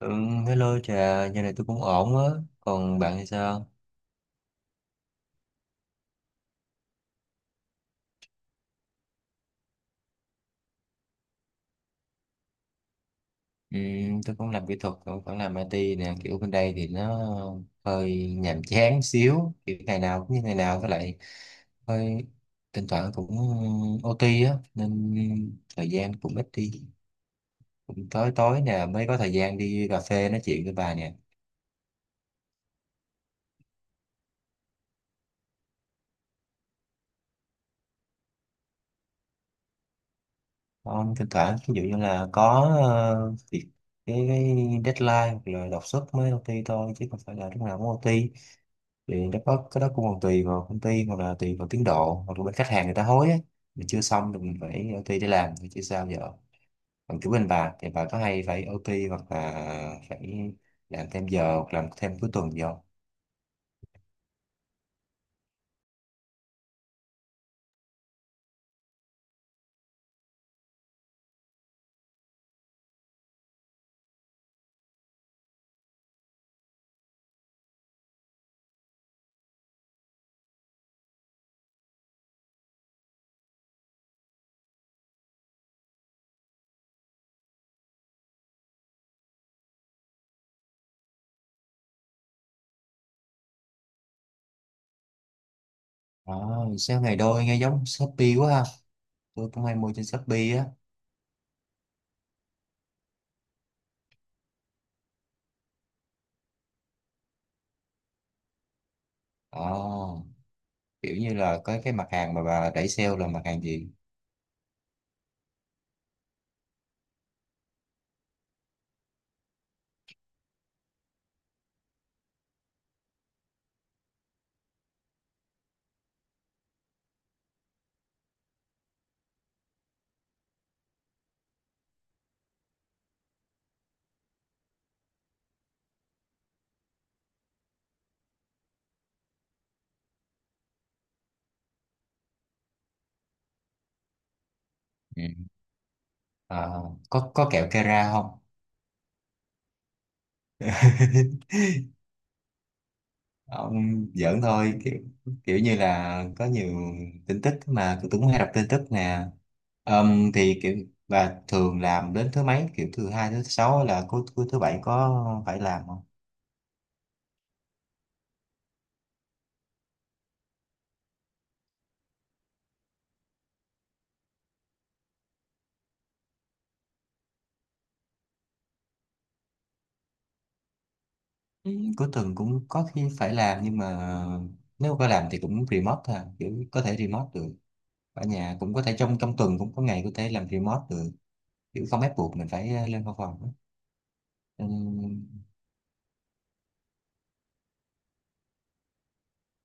Ừ, hello Trà, giờ này tôi cũng ổn á. Còn bạn thì sao? Ừ, tôi cũng làm kỹ thuật, cũng vẫn làm IT nè. Kiểu bên đây thì nó hơi nhàm chán xíu. Kiểu ngày nào cũng như ngày nào, với lại hơi thỉnh thoảng cũng OT á. Nên thời gian cũng ít đi. Cũng tối tối nè mới có thời gian đi cà phê nói chuyện với bà nè. Không, thỉnh thoảng ví dụ như là có việc cái deadline hoặc là đột xuất mới OT thôi, chứ không phải là lúc nào cũng OT. Thì nó có cái đó cũng còn tùy vào công ty, hoặc là tùy vào tiến độ, hoặc là bên khách hàng người ta hối á, mình chưa xong thì mình phải OT để làm, thì chứ sao giờ. Còn kiểu bên bà thì bà có hay phải OT hoặc là phải làm thêm giờ hoặc làm thêm cuối tuần gì không? À, sao ngày đôi nghe giống Shopee quá ha, tôi cũng hay mua trên Shopee á. À, kiểu như là có cái mặt hàng mà bà đẩy sale là mặt hàng gì? Ừ. À, có kẹo Kera không? Ông giỡn thôi, kiểu, kiểu như là có nhiều tin tức mà tôi cũng hay đọc tin tức nè. Thì kiểu, và thường làm đến thứ mấy, kiểu thứ hai thứ sáu hay là cuối cuối thứ bảy có phải làm không? Ừ, cuối tuần cũng có khi phải làm, nhưng mà nếu có làm thì cũng remote thôi à, kiểu có thể remote được ở nhà, cũng có thể trong trong tuần cũng có ngày có thể làm remote được, kiểu không ép buộc mình phải lên văn phòng á.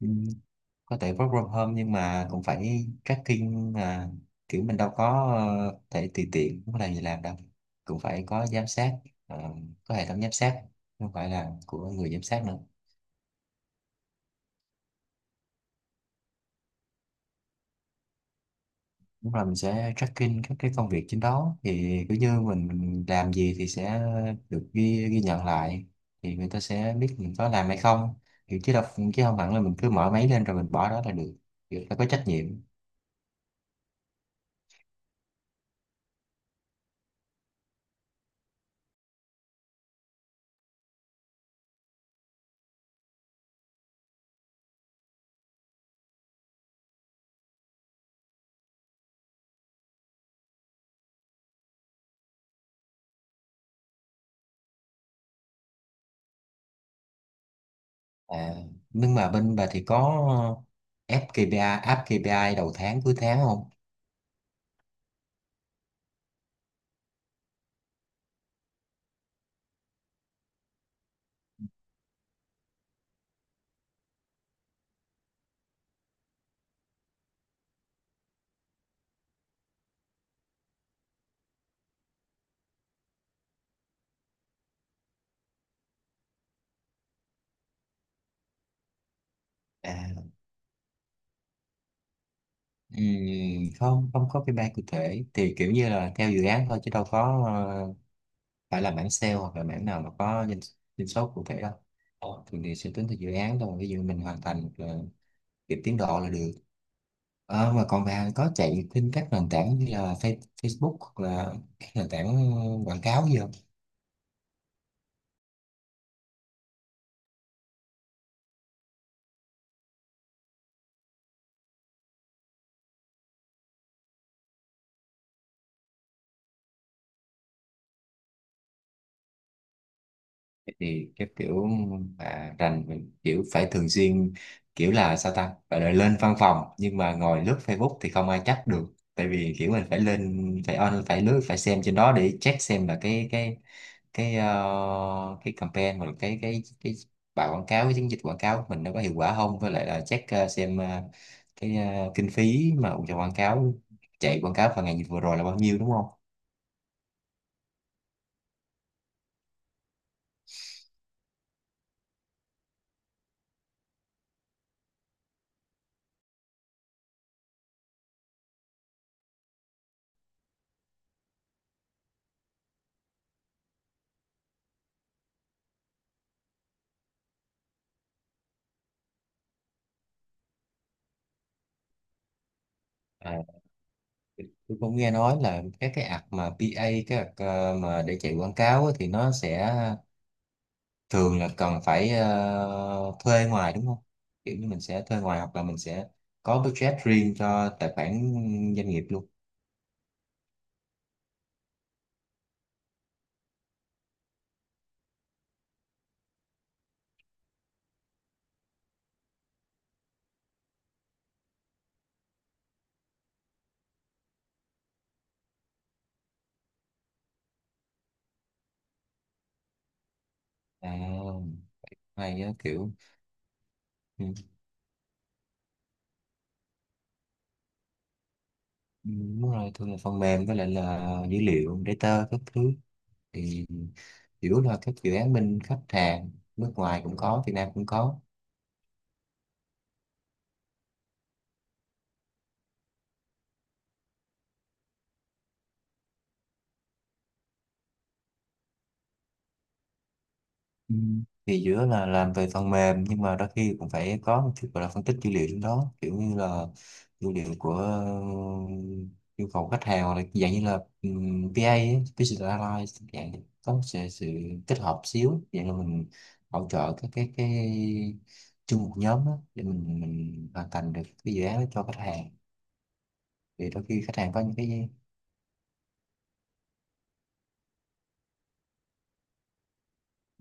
Ừm, có thể work from home nhưng mà cũng phải tracking à, kiểu mình đâu có thể tùy tiện muốn làm gì làm đâu, cũng phải có giám sát, ờ, có hệ thống giám sát, không phải là của người giám sát nữa. Đúng là mình sẽ tracking các cái công việc trên đó, thì cứ như mình làm gì thì sẽ được ghi ghi nhận lại, thì người ta sẽ biết mình có làm hay không, kiểu chứ đâu, chứ không hẳn là mình cứ mở máy lên rồi mình bỏ đó là được, người ta có trách nhiệm. À, nhưng mà bên bà thì có ép KPI, áp KPI đầu tháng cuối tháng không? À, không, không có KPI cụ thể. Thì kiểu như là theo dự án thôi, chứ đâu có phải là mảng sale hoặc là mảng nào mà có doanh số cụ thể đâu. Thường thì sẽ tính theo dự án thôi. Ví dụ mình hoàn thành kịp tiến độ là được. Ờ, mà còn bà có chạy trên các nền tảng như là Facebook hoặc là các nền tảng quảng cáo gì không? Thì cái kiểu mà rành mình kiểu phải thường xuyên, kiểu là sao ta, gọi là lên văn phòng nhưng mà ngồi lướt Facebook thì không ai chắc được, tại vì kiểu mình phải lên, phải on, phải lướt, phải xem trên đó để check xem là cái cái campaign, hoặc là cái bài quảng cáo, cái chiến dịch quảng cáo của mình nó có hiệu quả không, với lại là check xem cái kinh phí mà cho quảng cáo, chạy quảng cáo vào ngày vừa rồi là bao nhiêu, đúng không? À, tôi cũng nghe nói là các cái app mà PA các app mà để chạy quảng cáo á, thì nó sẽ thường là cần phải thuê ngoài, đúng không, kiểu như mình sẽ thuê ngoài hoặc là mình sẽ có budget riêng cho tài khoản doanh nghiệp luôn. À, hay á, kiểu ừ, ừ, đúng rồi, thường là phần mềm với lại là dữ liệu data các thứ, thì chủ yếu là các dự án bên khách hàng nước ngoài cũng có, Việt Nam cũng có. Ừ. Thì giữa là làm về phần mềm, nhưng mà đôi khi cũng phải có một chút gọi là phân tích dữ liệu trong đó, kiểu như là dữ liệu của yêu cầu khách hàng, hoặc là dạng như là PA ấy, Business Analysis, dạng như có một sự kết hợp xíu, dạng là mình hỗ trợ các cái chung một nhóm đó, để mình hoàn thành được cái dự án đó cho khách hàng, thì đôi khi khách hàng có những cái.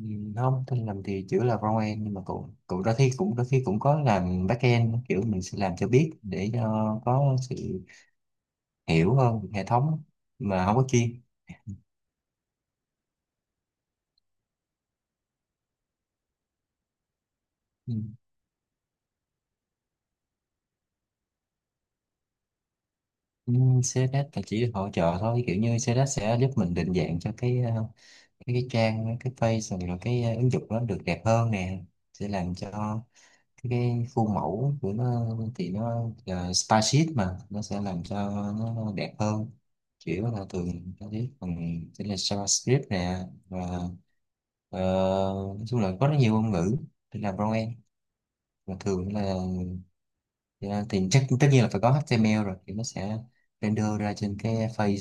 Ừ, không, tôi làm thì chữ là frontend, nhưng mà cậu cậu đôi khi cũng có làm backend, kiểu mình sẽ làm cho biết để cho có sự hiểu hơn về hệ thống, mà không có chuyên. Ừ. Ừ, CSS là chỉ được hỗ trợ thôi, kiểu như CSS sẽ giúp mình định dạng cho cái cái trang, cái page, rồi cái ứng dụng nó được đẹp hơn nè, sẽ làm cho. Thì cái khuôn mẫu của nó thì nó là spaceship mà nó sẽ làm cho nó đẹp hơn, chỉ có là thường nó biết còn sẽ là JavaScript nè, và ờ, nói chung là có rất nhiều ngôn ngữ để làm frontend, và thường là thì chắc tất nhiên là phải có HTML rồi thì nó sẽ render ra trên cái face.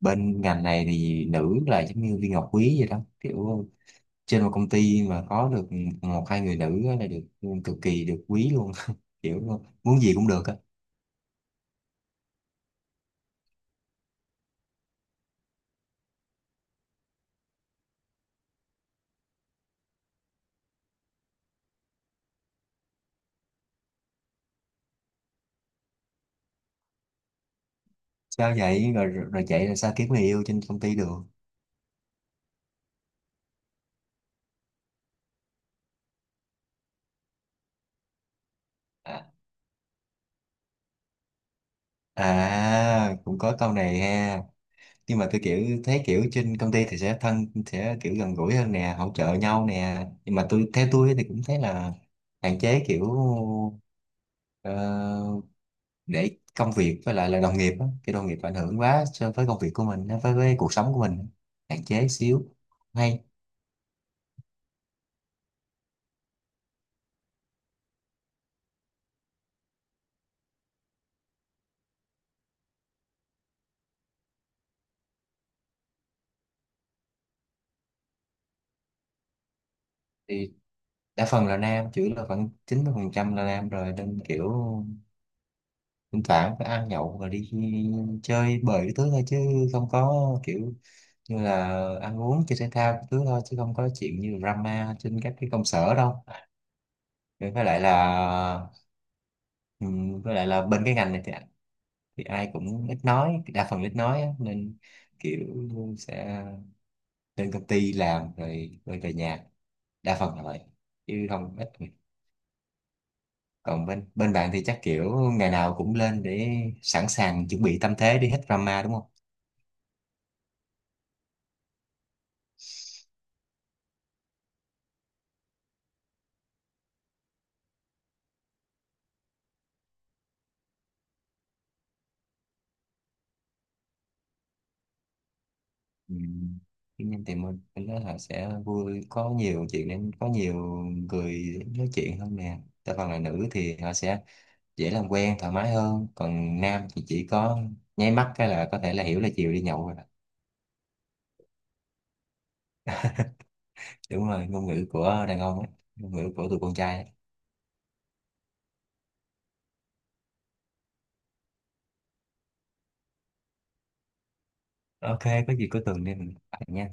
Bên ngành này thì nữ là giống như viên ngọc quý vậy đó, kiểu trên một công ty mà có được một hai người nữ á là được cực kỳ được quý luôn, kiểu muốn gì cũng được á. Sao vậy, rồi rồi chạy là sao, kiếm người yêu trên công ty được? À, à cũng có câu này ha. Nhưng mà tôi kiểu thấy kiểu trên công ty thì sẽ thân, sẽ kiểu gần gũi hơn nè, hỗ trợ nhau nè, nhưng mà tôi, theo tôi thì cũng thấy là hạn chế, kiểu ờ, để công việc với lại là đồng nghiệp á, cái đồng nghiệp ảnh hưởng quá so với công việc của mình á, với cuộc sống của mình hạn chế xíu hay. Thì đa phần là nam, chủ yếu là khoảng 90% là nam rồi, nên kiểu thỉnh thoảng phải ăn nhậu và đi chơi bời cái thứ thôi, chứ không có kiểu như là ăn uống chơi thể thao cái thứ thôi, chứ không có chuyện như drama trên các cái công sở đâu. Rồi với lại là ừ, với lại là bên cái ngành này thì ai cũng ít nói, đa phần ít nói á, nên kiểu sẽ lên công ty làm rồi rồi về nhà, đa phần là vậy, chứ không ít người. Còn bên bên bạn thì chắc kiểu ngày nào cũng lên để sẵn sàng chuẩn bị tâm thế đi hết drama, đúng không? Ừ. Tuy thì mình nói là sẽ vui, có nhiều chuyện nên có nhiều người nói chuyện hơn nè, đa phần là nữ thì họ sẽ dễ làm quen thoải mái hơn, còn nam thì chỉ có nháy mắt cái là có thể là hiểu là chiều đi nhậu rồi đó. Đúng rồi, ngôn ngữ của đàn ông ấy, ngôn ngữ của tụi con trai ấy. Ok, có gì cuối tuần đi mình bàn nha